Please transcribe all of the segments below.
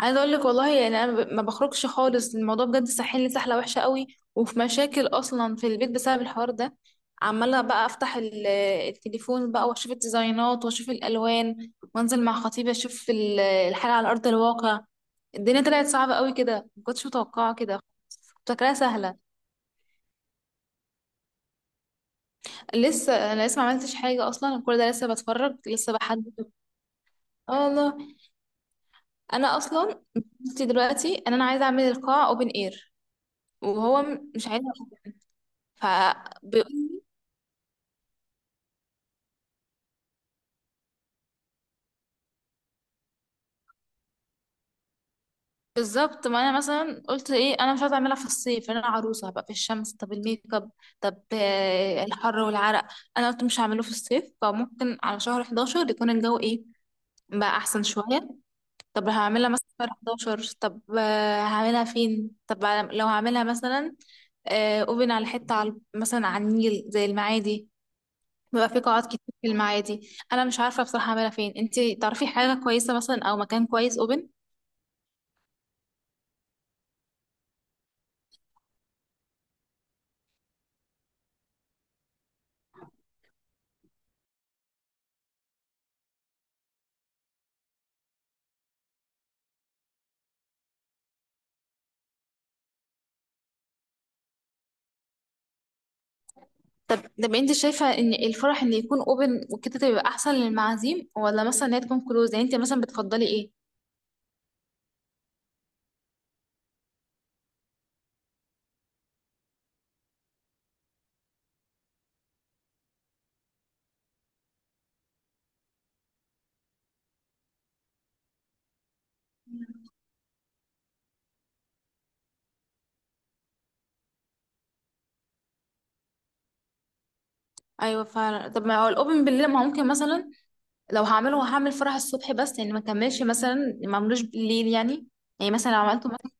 عايزه اقول لك والله يعني انا ما بخرجش خالص. الموضوع بجد ساحلني سحله وحشه قوي، وفي مشاكل اصلا في البيت بسبب الحوار ده. عماله بقى افتح التليفون بقى، واشوف الديزاينات واشوف الالوان، وانزل مع خطيبي اشوف الحاجه على ارض الواقع. الدنيا طلعت صعبه قوي كده، ما كنتش متوقعه كده. كنت فاكراها سهله. لسه، انا لسه ما عملتش حاجه اصلا، كل ده لسه بتفرج، لسه بحدد. اه والله. انا اصلا مشكلتي دلوقتي ان انا عايزه اعمل القاعه اوبن اير، وهو مش عايز. ف بيقول- بالظبط. ما انا مثلا قلت ايه، انا مش عايزه اعملها في الصيف لأن انا عروسه هبقى في الشمس، طب الميك اب، طب الحر والعرق. انا قلت مش هعمله في الصيف، فممكن على شهر 11 يكون الجو ايه بقى احسن شويه. طب هعملها مثلا في شهر 11. طب هعملها فين؟ طب لو هعملها مثلا اوبن على حته، على مثلا على النيل زي المعادي. بيبقى في قاعات كتير في المعادي، انا مش عارفه بصراحه اعملها فين. انتي تعرفي حاجه كويسه مثلا او مكان كويس؟ طب. طب انت شايفة ان الفرح ان يكون اوبن وكده تبقى احسن للمعازيم، ولا مثلا ان هي تكون كلوز؟ يعني انت مثلا بتفضلي ايه؟ ايوه فعلا. طب ما هو الاوبن بالليل، ما ممكن مثلا لو هعمله هعمل فرح الصبح بس، يعني ما كملش مثلا ما عملوش بالليل يعني. يعني مثلا لو عملته مثلا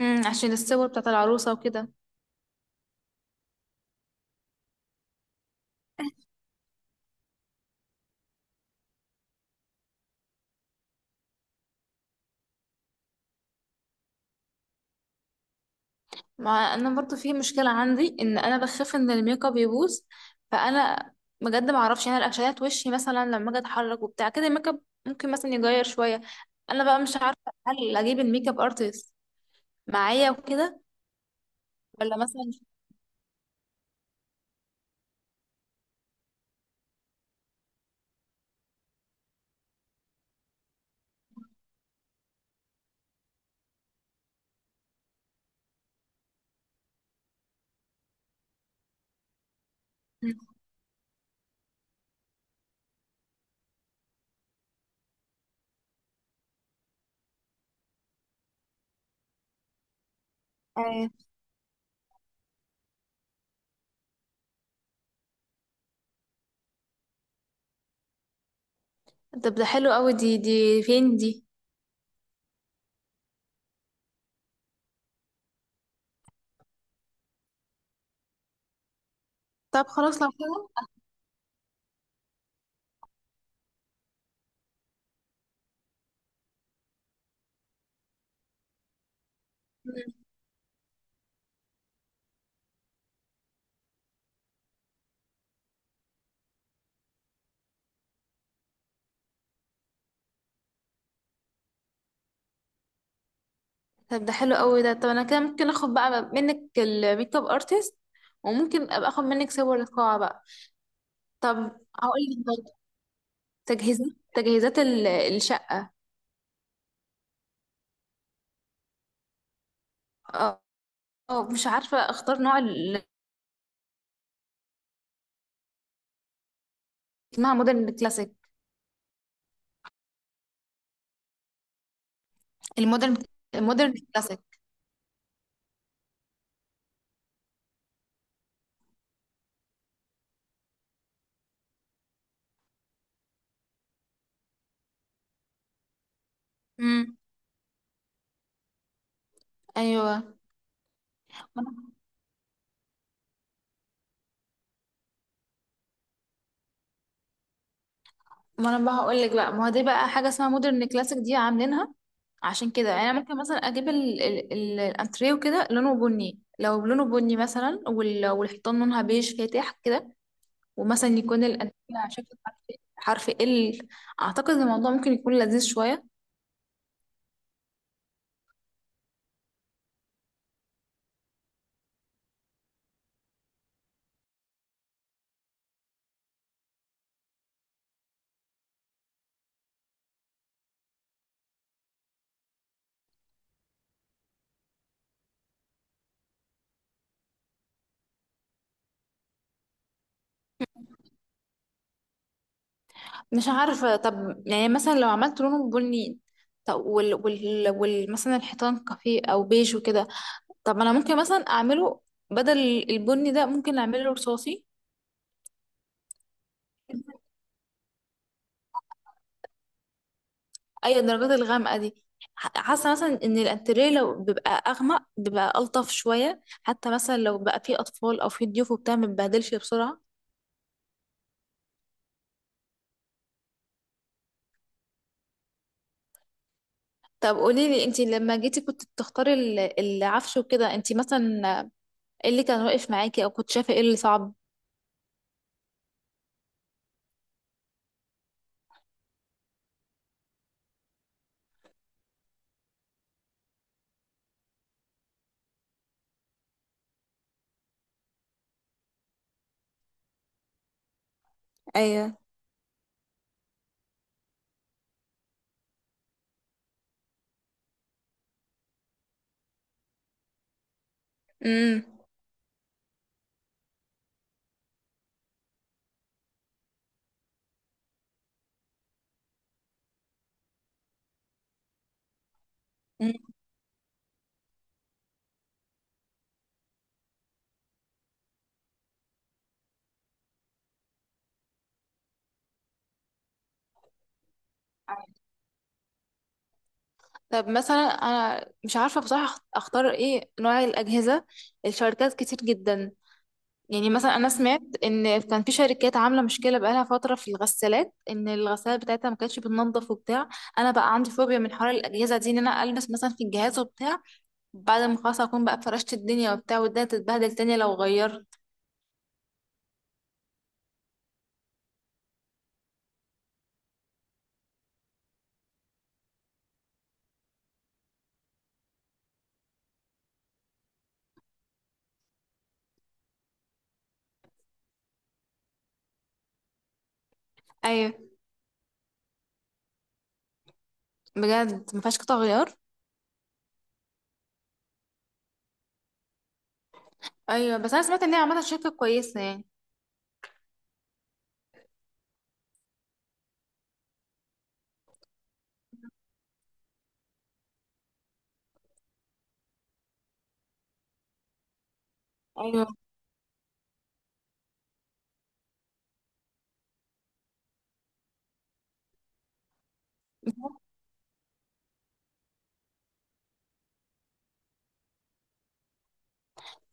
عشان الصور بتاعت العروسة وكده. ما انا برضو في مشكله عندي ان انا بخاف ان الميك اب يبوظ. فانا بجد ما اعرفش يعني الاكشنات وشي مثلا، لما اجي اتحرك وبتاع كده الميك اب ممكن مثلا يغير شويه. انا بقى مش عارفه هل اجيب الميك اب ارتست معايا وكده ولا مثلا. آه. طب ده حلو قوي، دي فين دي؟ طب خلاص لو كده. مم. طب ده حلو قوي ده. طب انا كده ممكن اخد بقى منك الميك اب ارتست، وممكن ابقى اخد منك صور القاعه بقى. طب هقول لك تجهيزات، الشقة. اه مش عارفة اختار نوع اللي اسمها مودرن كلاسيك. المودرن المودرن كلاسيك. امم. ايوه. ما انا ما أنا بقى هقول لك بقى ما هو دي بقى حاجة اسمها مودرن كلاسيك دي عاملينها. عشان كده يعني انا ممكن مثلا اجيب الانتريه وكده لونه بني، لو لونه بني مثلا والحيطان لونها بيج فاتح كده. ومثلا يكون الانتريه على شكل حرف، حرف. اعتقد الموضوع ممكن يكون لذيذ شوية. مش عارفة، طب يعني مثلا لو عملت لونه بني، طب وال مثلا الحيطان كافيه أو بيج وكده. طب ما أنا ممكن مثلا أعمله بدل البني ده ممكن أعمله رصاصي. أي الدرجات الغامقة دي؟ حاسة مثلا إن الأنتريه لو بيبقى أغمق بيبقى ألطف شوية، حتى مثلا لو بقى فيه أطفال أو فيه ضيوف وبتاع متبهدلش بسرعة. طب قوليلي انتي لما جيتي كنت بتختاري العفش وكده، انتي مثلا ايه اللي كان واقف معاكي، او كنت شايفة ايه اللي صعب؟ ايوه. امم. طب مثلا انا مش عارفه بصراحه اختار ايه نوع الاجهزه، الشركات كتير جدا. يعني مثلا انا سمعت ان كان في شركات عامله مشكله بقالها فتره في الغسالات، ان الغسالات بتاعتها ما كانتش بتنضف وبتاع. انا بقى عندي فوبيا من حوار الاجهزه دي، ان انا البس مثلا في الجهاز وبتاع بعد ما خلاص اكون بقى فرشت الدنيا وبتاع، والدنيا تتبهدل تاني لو غيرت. ايوه. بجد ما فيهاش قطع غيار؟ ايوه بس انا سمعت ان هي عامله شركه كويسه يعني. ايوه.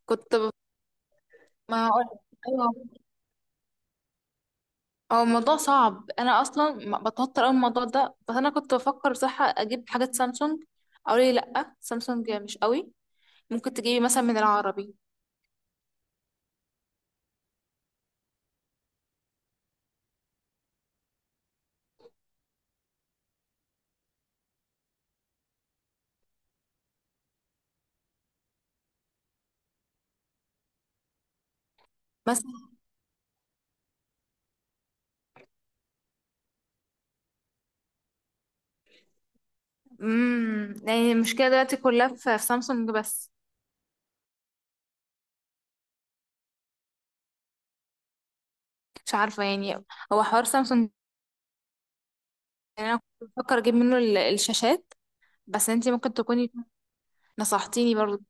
كنت ب... ما هقول. ايوه. هو الموضوع صعب، انا اصلا بتوتر قوي من الموضوع ده. بس انا كنت بفكر بصراحه اجيب حاجات سامسونج، او ليه لا. سامسونج مش قوي، ممكن تجيبي مثلا من العربي مثلا. امم. يعني المشكله دلوقتي كلها في سامسونج بس؟ مش عارفه يعني. هو حوار سامسونج، يعني انا كنت بفكر اجيب منه الشاشات. بس انتي ممكن تكوني نصحتيني برضو.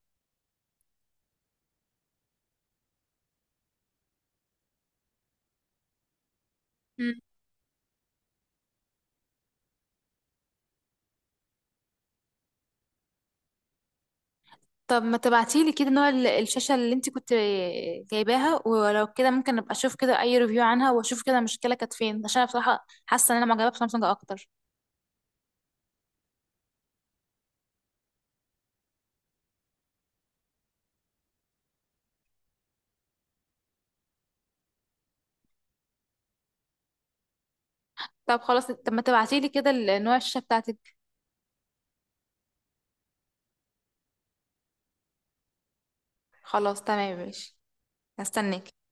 طب ما تبعتيلي كده نوع الشاشة اللي انت كنت جايباها، ولو كده ممكن ابقى اشوف كده اي ريفيو عنها، واشوف كده المشكلة كانت فين، عشان انا بصراحة حاسة ان انا معجبة بسامسونج اكتر. طب خلاص. طب ما تبعتيلي كده نوع الشاشة بتاعتك. خلاص تمام ماشي. هستناك.